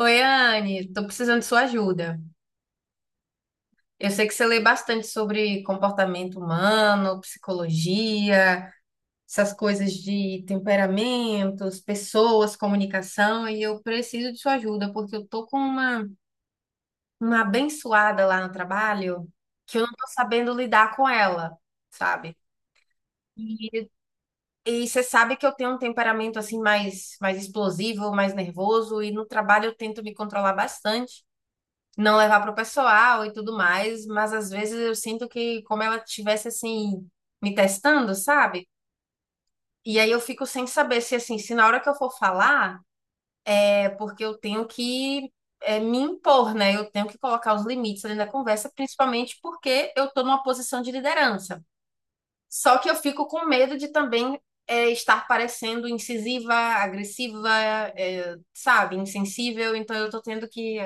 Oi, Anne, tô precisando de sua ajuda. Eu sei que você lê bastante sobre comportamento humano, psicologia, essas coisas de temperamentos, pessoas, comunicação, e eu preciso de sua ajuda, porque eu tô com uma abençoada lá no trabalho que eu não tô sabendo lidar com ela, sabe? E, e você sabe que eu tenho um temperamento assim mais explosivo, mais nervoso, e no trabalho eu tento me controlar bastante, não levar pro pessoal e tudo mais, mas às vezes eu sinto que como ela tivesse assim me testando, sabe? E aí eu fico sem saber se assim, se na hora que eu for falar, é porque eu tenho que me impor, né? Eu tenho que colocar os limites ali na conversa, principalmente porque eu tô numa posição de liderança. Só que eu fico com medo de também estar parecendo incisiva, agressiva, sabe, insensível, então eu tô tendo que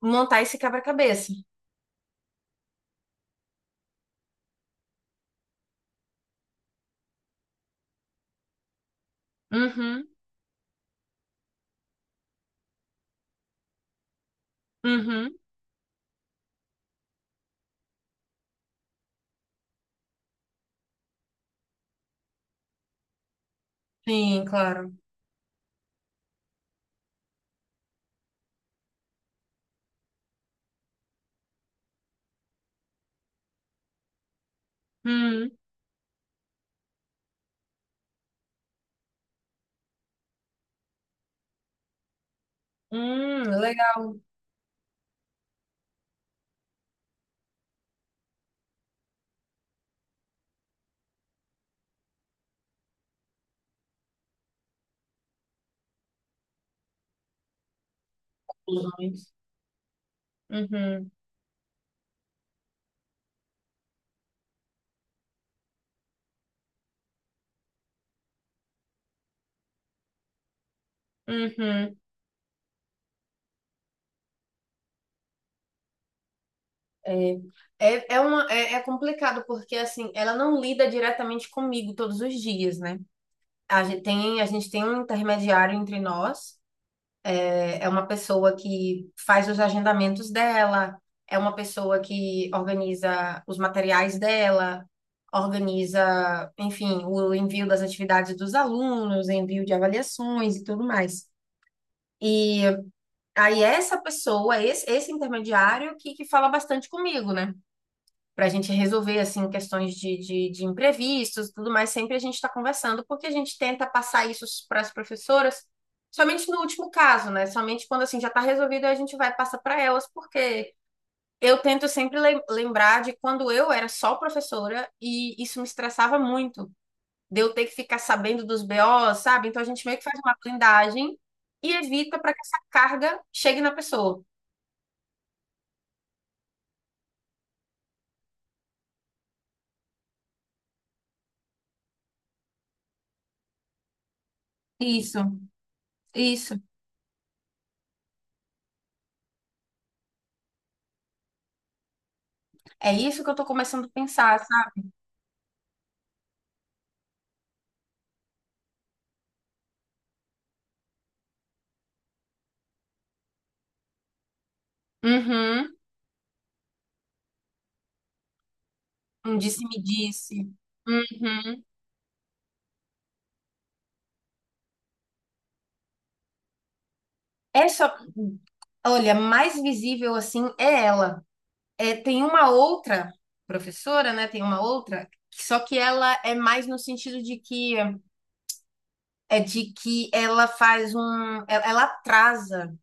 montar esse quebra-cabeça. Uhum, uhum. Sim, claro. Hum, legal. Uhum, uhum. É, é complicado porque assim, ela não lida diretamente comigo todos os dias, né? A gente tem um intermediário entre nós, é uma pessoa que faz os agendamentos dela, é uma pessoa que organiza os materiais dela, organiza, enfim, o envio das atividades dos alunos, envio de avaliações e tudo mais. E aí essa pessoa, esse intermediário que fala bastante comigo, né? Pra gente resolver, assim, questões de imprevistos, tudo mais, sempre a gente está conversando, porque a gente tenta passar isso para as professoras, somente no último caso, né? Somente quando, assim, já está resolvido, a gente vai passar para elas, porque eu tento sempre lembrar de quando eu era só professora e isso me estressava muito, de eu ter que ficar sabendo dos BO, sabe? Então a gente meio que faz uma blindagem e evita para que essa carga chegue na pessoa. Isso, isso. É isso que eu tô começando a pensar, sabe? Uhum. Um disse-me-disse. Uhum. É só. Olha, mais visível assim é ela. É, tem uma outra professora, né? Tem uma outra, só que ela é mais no sentido de que ela ela atrasa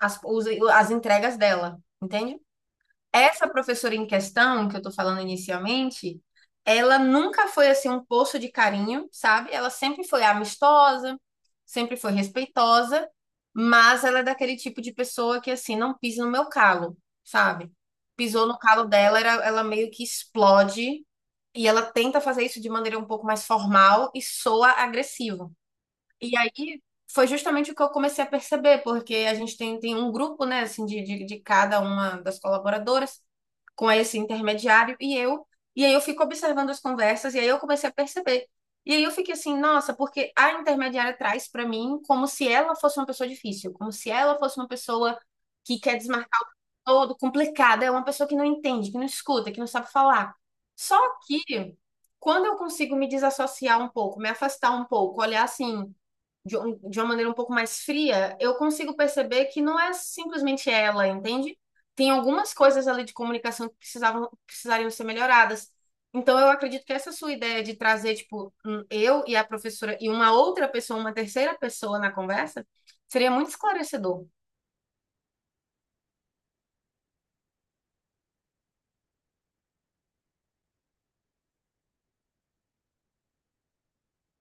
as entregas dela, entende? Essa professora em questão, que eu tô falando inicialmente, ela nunca foi assim um poço de carinho, sabe? Ela sempre foi amistosa, sempre foi respeitosa, mas ela é daquele tipo de pessoa que assim não pisa no meu calo, sabe? Pisou no calo dela, ela meio que explode e ela tenta fazer isso de maneira um pouco mais formal e soa agressivo. E aí foi justamente o que eu comecei a perceber, porque a gente tem um grupo, né, assim, de cada uma das colaboradoras, com esse intermediário, e aí eu fico observando as conversas, e aí eu comecei a perceber. E aí eu fiquei assim, nossa, porque a intermediária traz para mim como se ela fosse uma pessoa difícil, como se ela fosse uma pessoa que quer desmarcar o tempo todo, complicada, é uma pessoa que não entende, que não escuta, que não sabe falar. Só que quando eu consigo me desassociar um pouco, me afastar um pouco, olhar assim, de uma maneira um pouco mais fria, eu consigo perceber que não é simplesmente ela, entende? Tem algumas coisas ali de comunicação que precisavam, precisariam ser melhoradas. Então, eu acredito que essa sua ideia de trazer, tipo, eu e a professora e uma outra pessoa, uma terceira pessoa na conversa, seria muito esclarecedor.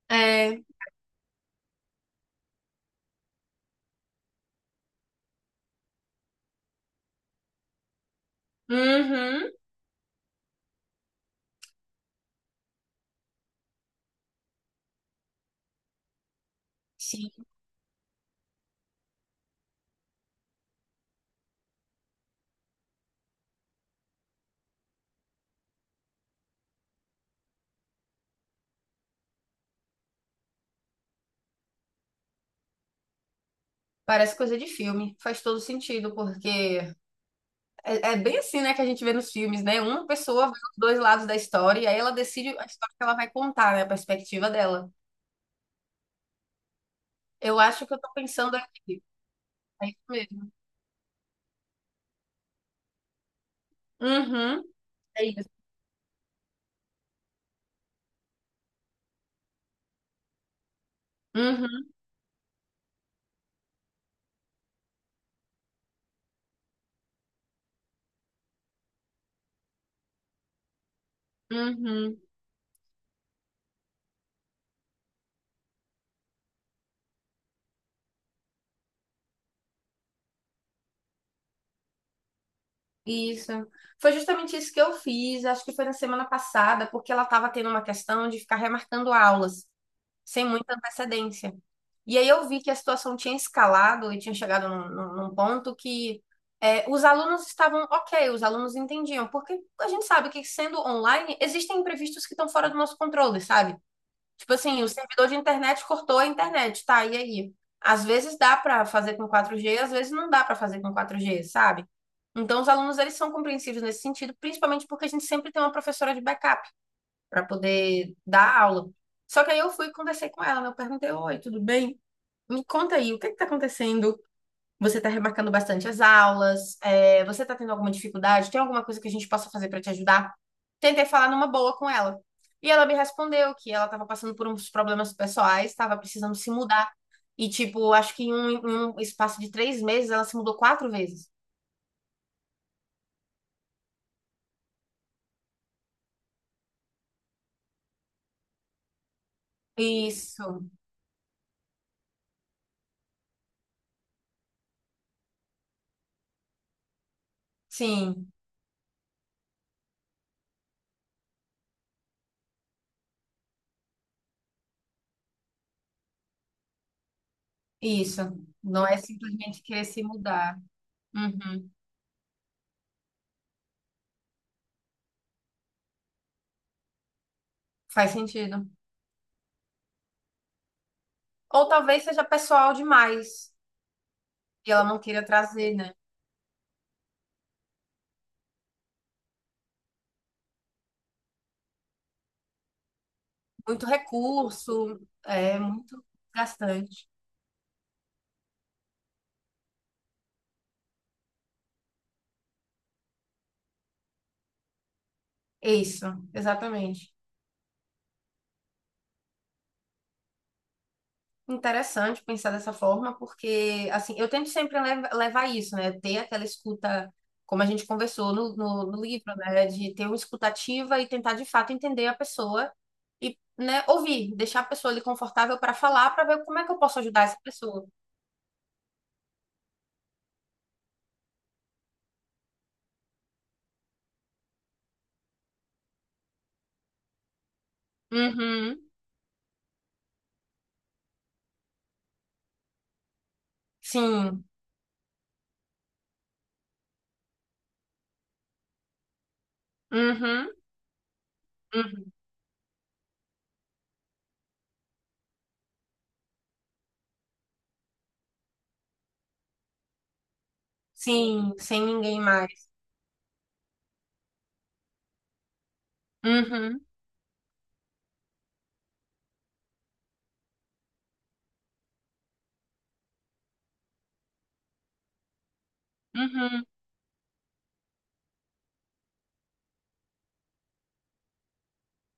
É. Uhum. Sim. Parece coisa de filme. Faz todo sentido, porque é bem assim, né, que a gente vê nos filmes, né? Uma pessoa vê os dois lados da história e aí ela decide a história que ela vai contar, né? A perspectiva dela. Eu acho que eu tô pensando aqui. É isso mesmo. Uhum. É isso. Uhum. Uhum. Isso. Foi justamente isso que eu fiz, acho que foi na semana passada, porque ela estava tendo uma questão de ficar remarcando aulas sem muita antecedência. E aí eu vi que a situação tinha escalado e tinha chegado num ponto que os alunos estavam ok, os alunos entendiam, porque a gente sabe que sendo online, existem imprevistos que estão fora do nosso controle, sabe? Tipo assim, o servidor de internet cortou a internet, tá? E aí? Às vezes dá para fazer com 4G, às vezes não dá para fazer com 4G, sabe? Então, os alunos, eles são compreensivos nesse sentido, principalmente porque a gente sempre tem uma professora de backup para poder dar aula. Só que aí eu fui e conversei com ela, né? Eu perguntei, oi, tudo bem? Me conta aí, o que que tá acontecendo? Você tá remarcando bastante as aulas? Você tá tendo alguma dificuldade? Tem alguma coisa que a gente possa fazer para te ajudar? Tentei falar numa boa com ela. E ela me respondeu que ela estava passando por uns problemas pessoais, estava precisando se mudar. E, tipo, acho que em um espaço de 3 meses ela se mudou 4 vezes. Isso, sim, isso. Não é simplesmente querer se mudar. Uhum. Faz sentido. Ou talvez seja pessoal demais e ela não queira trazer, né? Muito recurso, é muito gastante. Isso, exatamente. Interessante pensar dessa forma, porque assim, eu tento sempre levar isso, né? Ter aquela escuta, como a gente conversou no livro, né? De ter uma escutativa e tentar de fato entender a pessoa e, né, ouvir, deixar a pessoa ali confortável para falar, para ver como é que eu posso ajudar essa pessoa. Uhum, sim. Uhum, uhum. Sim, sem ninguém mais. Uhum, uhum.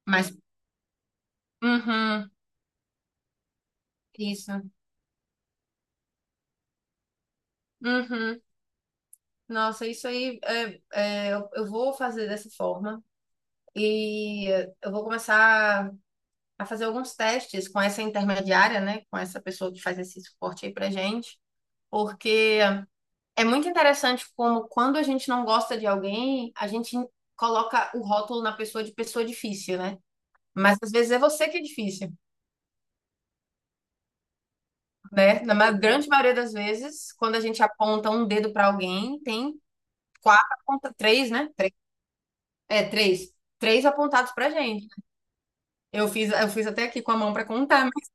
Mas, uhum, isso. Uhum. Nossa, isso aí, eu vou fazer dessa forma. E eu vou começar a fazer alguns testes com essa intermediária, né? Com essa pessoa que faz esse suporte aí pra gente. Porque é muito interessante como quando a gente não gosta de alguém, a gente coloca o rótulo na pessoa de pessoa difícil, né? Mas às vezes é você que é difícil. Né? Na grande maioria das vezes, quando a gente aponta um dedo para alguém, tem quatro, três, né? Três, é, três. Três apontados pra gente. Eu fiz até aqui com a mão para contar.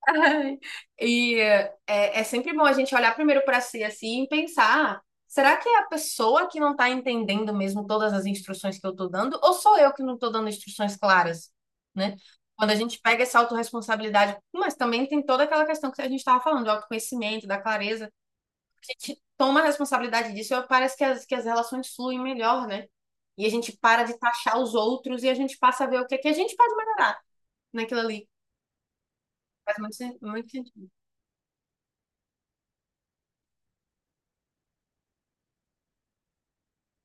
E é sempre bom a gente olhar primeiro para si assim e pensar, "Ah, será que é a pessoa que não está entendendo mesmo todas as instruções que eu estou dando, ou sou eu que não estou dando instruções claras, né? Quando a gente pega essa autorresponsabilidade, mas também tem toda aquela questão que a gente estava falando, do autoconhecimento, da clareza. A gente toma a responsabilidade disso, parece que que as relações fluem melhor, né? E a gente para de taxar os outros e a gente passa a ver o que é que a gente pode melhorar naquilo ali. Faz muito sentido.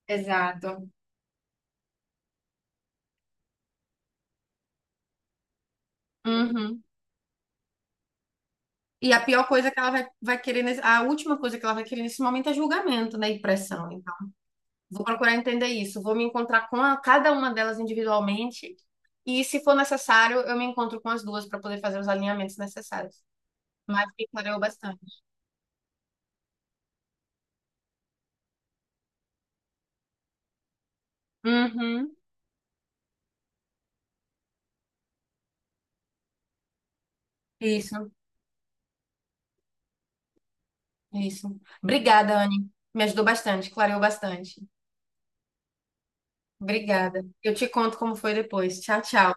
Exato. Uhum. E a pior coisa que ela vai querer, a última coisa que ela vai querer nesse momento é julgamento, né? E pressão. Então, vou procurar entender isso. Vou me encontrar com cada uma delas individualmente. E, se for necessário, eu me encontro com as duas para poder fazer os alinhamentos necessários. Mas me clareou bastante. Uhum. Isso. É isso. Obrigada, Anne. Me ajudou bastante, clareou bastante. Obrigada. Eu te conto como foi depois. Tchau, tchau.